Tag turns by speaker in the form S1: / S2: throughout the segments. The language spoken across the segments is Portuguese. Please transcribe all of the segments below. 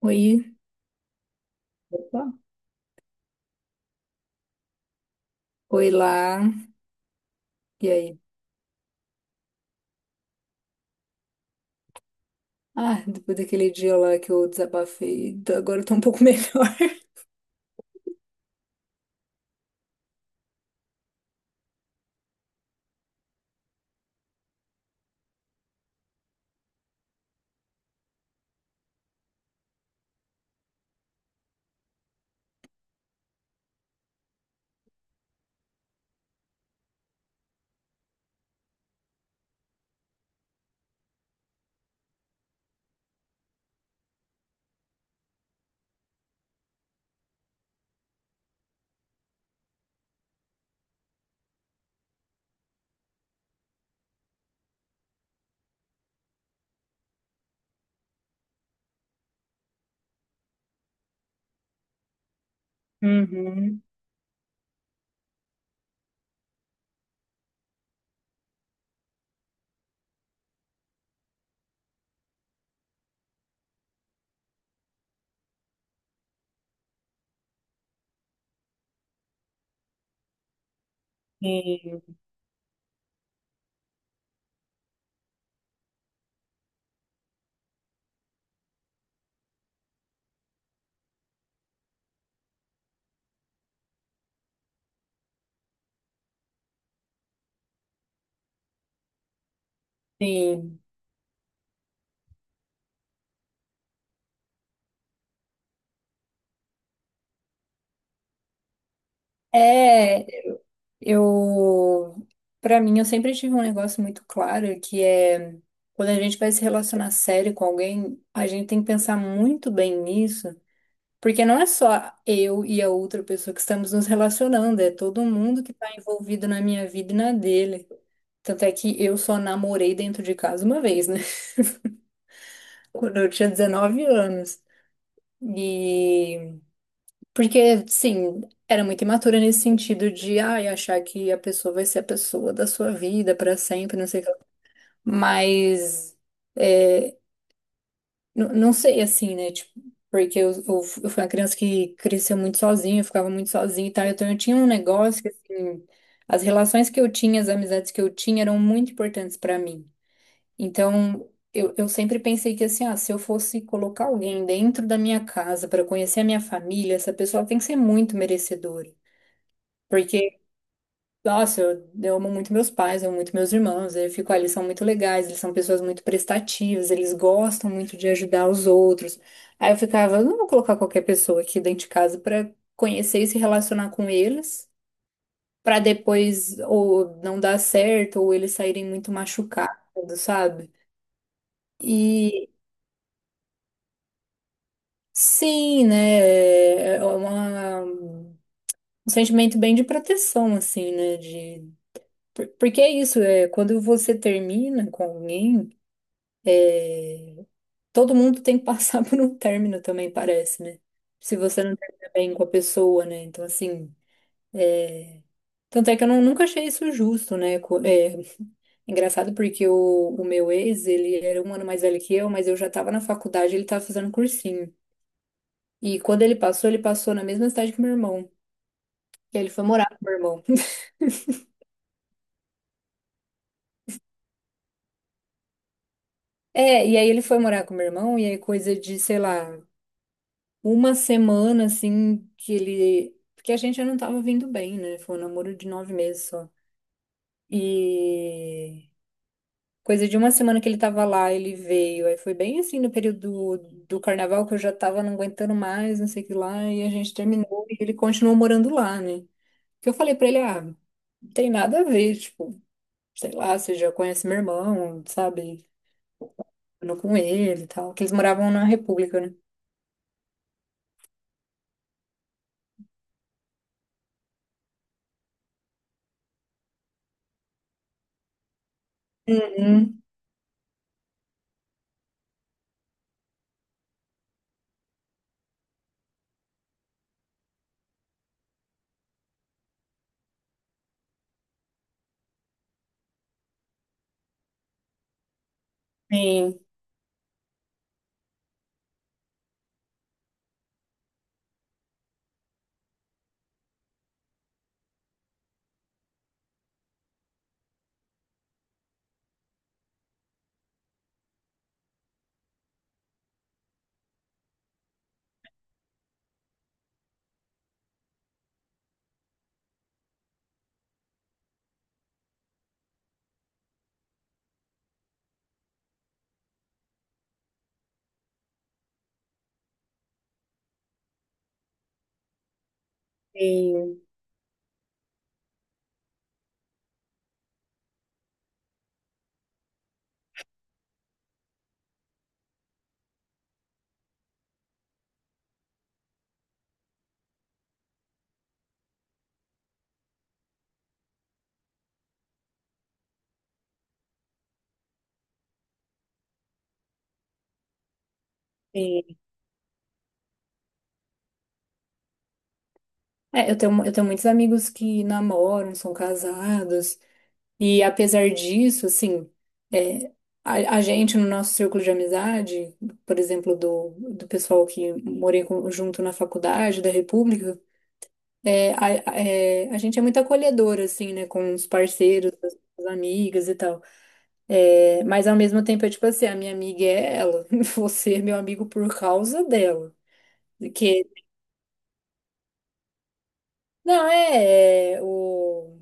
S1: Oi. Opa. Oi lá. E aí? Ah, depois daquele dia lá que eu desabafei, agora eu tô um pouco melhor. Uhum. Sim, sim. É, eu, pra mim, eu sempre tive um negócio muito claro que é quando a gente vai se relacionar sério com alguém, a gente tem que pensar muito bem nisso, porque não é só eu e a outra pessoa que estamos nos relacionando, é todo mundo que tá envolvido na minha vida e na dele. Tanto é que eu só namorei dentro de casa uma vez, né? Quando eu tinha 19 anos. E. Porque, sim, era muito imatura nesse sentido de, ai, achar que a pessoa vai ser a pessoa da sua vida pra sempre, não sei o que lá. Mas. É, não sei, assim, né? Tipo, porque eu fui uma criança que cresceu muito sozinha, eu ficava muito sozinha e tal. Então eu tinha um negócio que, assim. As relações que eu tinha, as amizades que eu tinha eram muito importantes pra mim. Então, eu sempre pensei que assim, ah, se eu fosse colocar alguém dentro da minha casa para conhecer a minha família, essa pessoa tem que ser muito merecedora. Porque, nossa, eu amo muito meus pais, eu amo muito meus irmãos, eu fico, ah, eles são muito legais, eles são pessoas muito prestativas, eles gostam muito de ajudar os outros. Aí eu ficava, eu não vou colocar qualquer pessoa aqui dentro de casa para conhecer e se relacionar com eles, para depois ou não dar certo, ou eles saírem muito machucados, sabe? E Sim, né? É um sentimento bem de proteção, assim, né? De, porque é isso, é, quando você termina com alguém, é, todo mundo tem que passar por um término também, parece, né? Se você não termina bem com a pessoa, né? Então, assim, é, tanto é que eu não- nunca achei isso justo, né? É, engraçado porque o meu ex, ele era um ano mais velho que eu, mas eu já estava na faculdade, ele estava fazendo cursinho. E quando ele passou na mesma cidade que meu irmão. E aí ele foi morar com o meu irmão. É, e aí ele foi morar com o meu irmão, e aí coisa de, sei lá, uma semana assim que ele. Porque a gente já não tava vindo bem, né? Foi um namoro de nove meses só. E coisa de uma semana que ele tava lá, ele veio. Aí foi bem assim no período do carnaval que eu já tava não aguentando mais, não sei o que lá, e a gente terminou e ele continuou morando lá, né? Que eu falei pra ele, ah, não tem nada a ver, tipo, sei lá, você já conhece meu irmão, sabe? Morando com ele e tal, que eles moravam na República, né? Uhum. Sim, sim, sim. É, eu tenho muitos amigos que namoram, são casados, e apesar disso, assim, é, a gente no nosso círculo de amizade, por exemplo, do pessoal que junto na faculdade da República, é, a, é, a gente é muito acolhedora, assim, né, com os parceiros, as amigas e tal. É, mas ao mesmo tempo é tipo assim, a minha amiga é ela, você é meu amigo por causa dela. Que, não,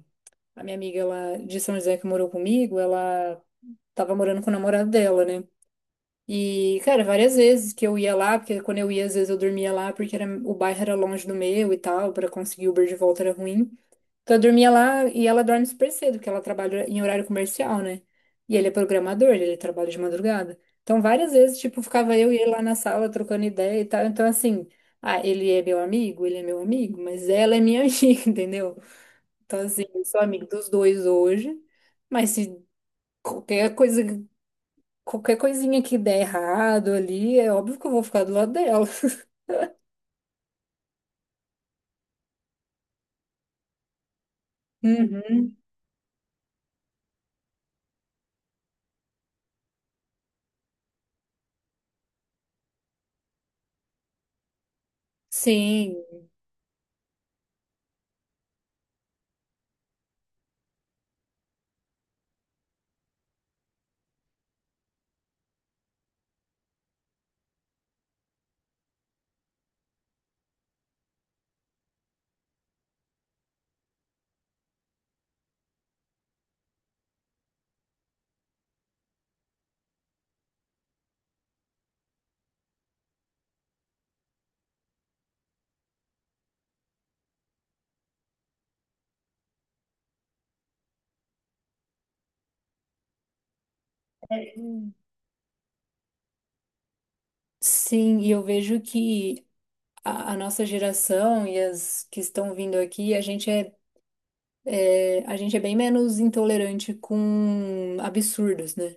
S1: a minha amiga ela, de São José que morou comigo, ela tava morando com o namorado dela, né? E, cara, várias vezes que eu ia lá, porque quando eu ia, às vezes eu dormia lá, porque era, o bairro era longe do meu e tal, pra conseguir Uber de volta era ruim. Então eu dormia lá e ela dorme super cedo, porque ela trabalha em horário comercial, né? E ele é programador, ele trabalha de madrugada. Então várias vezes, tipo, ficava eu e ele lá na sala trocando ideia e tal. Então assim, ah, ele é meu amigo, mas ela é minha amiga, entendeu? Então assim, eu sou amigo dos dois hoje, mas se qualquer coisa, qualquer coisinha que der errado ali, é óbvio que eu vou ficar do lado dela. Uhum. Sim. É, Sim, e eu vejo que a nossa geração e as que estão vindo aqui, a gente é bem menos intolerante com absurdos, né?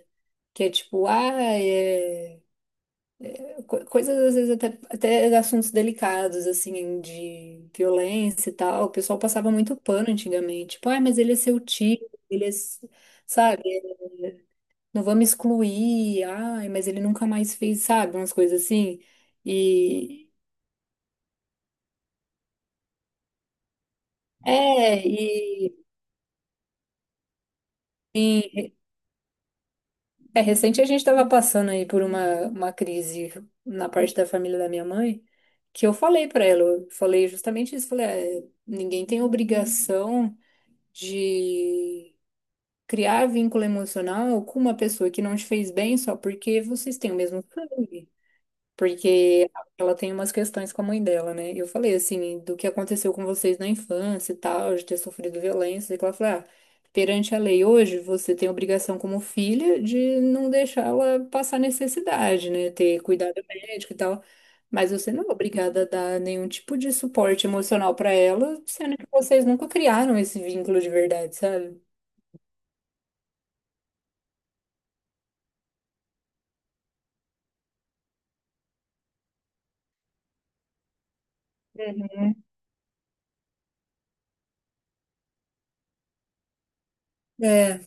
S1: Que é tipo, ah, é... coisas às vezes até assuntos delicados, assim, de violência e tal. O pessoal passava muito pano antigamente. Tipo, ah, mas ele é seu tio, ele é, s- sabe? Não vamos excluir, ai, mas ele nunca mais fez, sabe? Umas coisas assim. E, é, e, sim. É, recente a gente estava passando aí por uma crise na parte da família da minha mãe, que eu falei para ela, eu falei justamente isso, falei, "É, ninguém tem obrigação de criar vínculo emocional com uma pessoa que não te fez bem só porque vocês têm o mesmo sangue." Porque ela tem umas questões com a mãe dela, né? Eu falei assim, do que aconteceu com vocês na infância e tal, de ter sofrido violência, e que ela falou, ah, perante a lei hoje, você tem obrigação como filha de não deixar ela passar necessidade, né? Ter cuidado médico e tal. Mas você não é obrigada a dar nenhum tipo de suporte emocional pra ela, sendo que vocês nunca criaram esse vínculo de verdade, sabe? Uhum. É,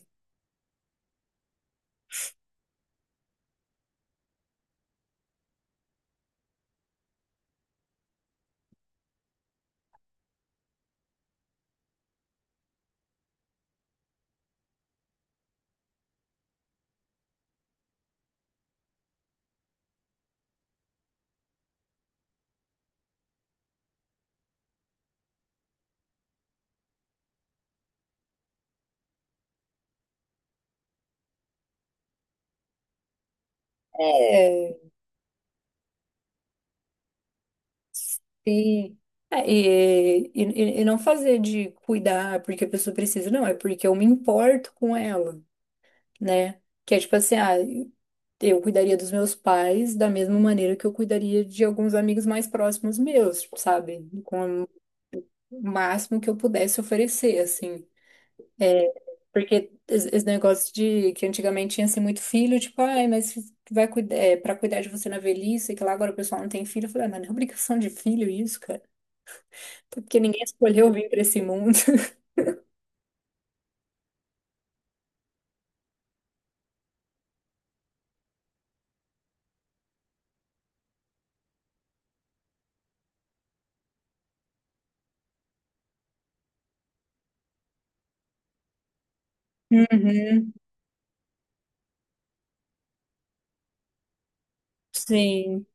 S1: é. E, e não fazer de cuidar porque a pessoa precisa, não, é porque eu me importo com ela, né? Que é tipo assim, ah, eu cuidaria dos meus pais da mesma maneira que eu cuidaria de alguns amigos mais próximos meus, tipo, sabe? Com o máximo que eu pudesse oferecer, assim. É, porque esse negócio de que antigamente tinha assim muito filho, tipo, ai, mas vai cuidar, é, para cuidar de você na velhice, que lá agora o pessoal não tem filho, eu falei, ah, mas não é obrigação de filho isso, cara. Até porque ninguém escolheu vir para esse mundo. Uhum. Sim,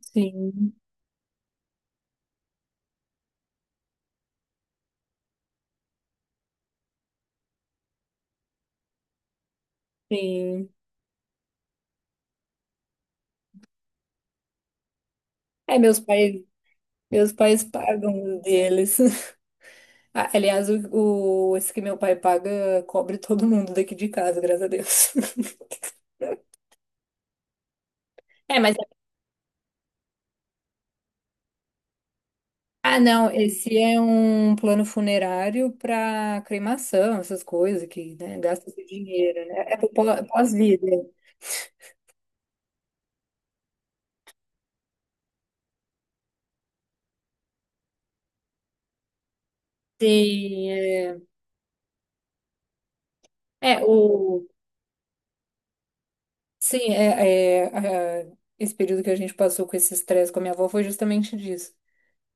S1: sim, sim. É, meus pais, Meus pais pagam os deles. Ah, aliás, esse que meu pai paga cobre todo mundo daqui de casa, graças a Deus. É, mas ah, não, esse é um plano funerário para cremação, essas coisas que, né, gasta seu dinheiro, né? É pro pós-vida. Sim, é, é o Sim, esse período que a gente passou com esse estresse com a minha avó foi justamente disso.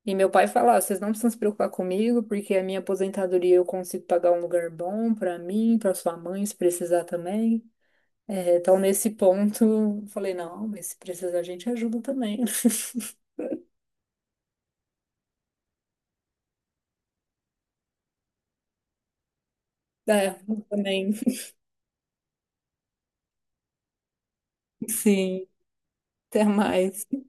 S1: E meu pai falava, vocês não precisam se preocupar comigo, porque a minha aposentadoria eu consigo pagar um lugar bom pra mim, pra sua mãe, se precisar também. É, então, nesse ponto, eu falei, não, mas se precisar, a gente ajuda também. É, eu também. Sim, até mais.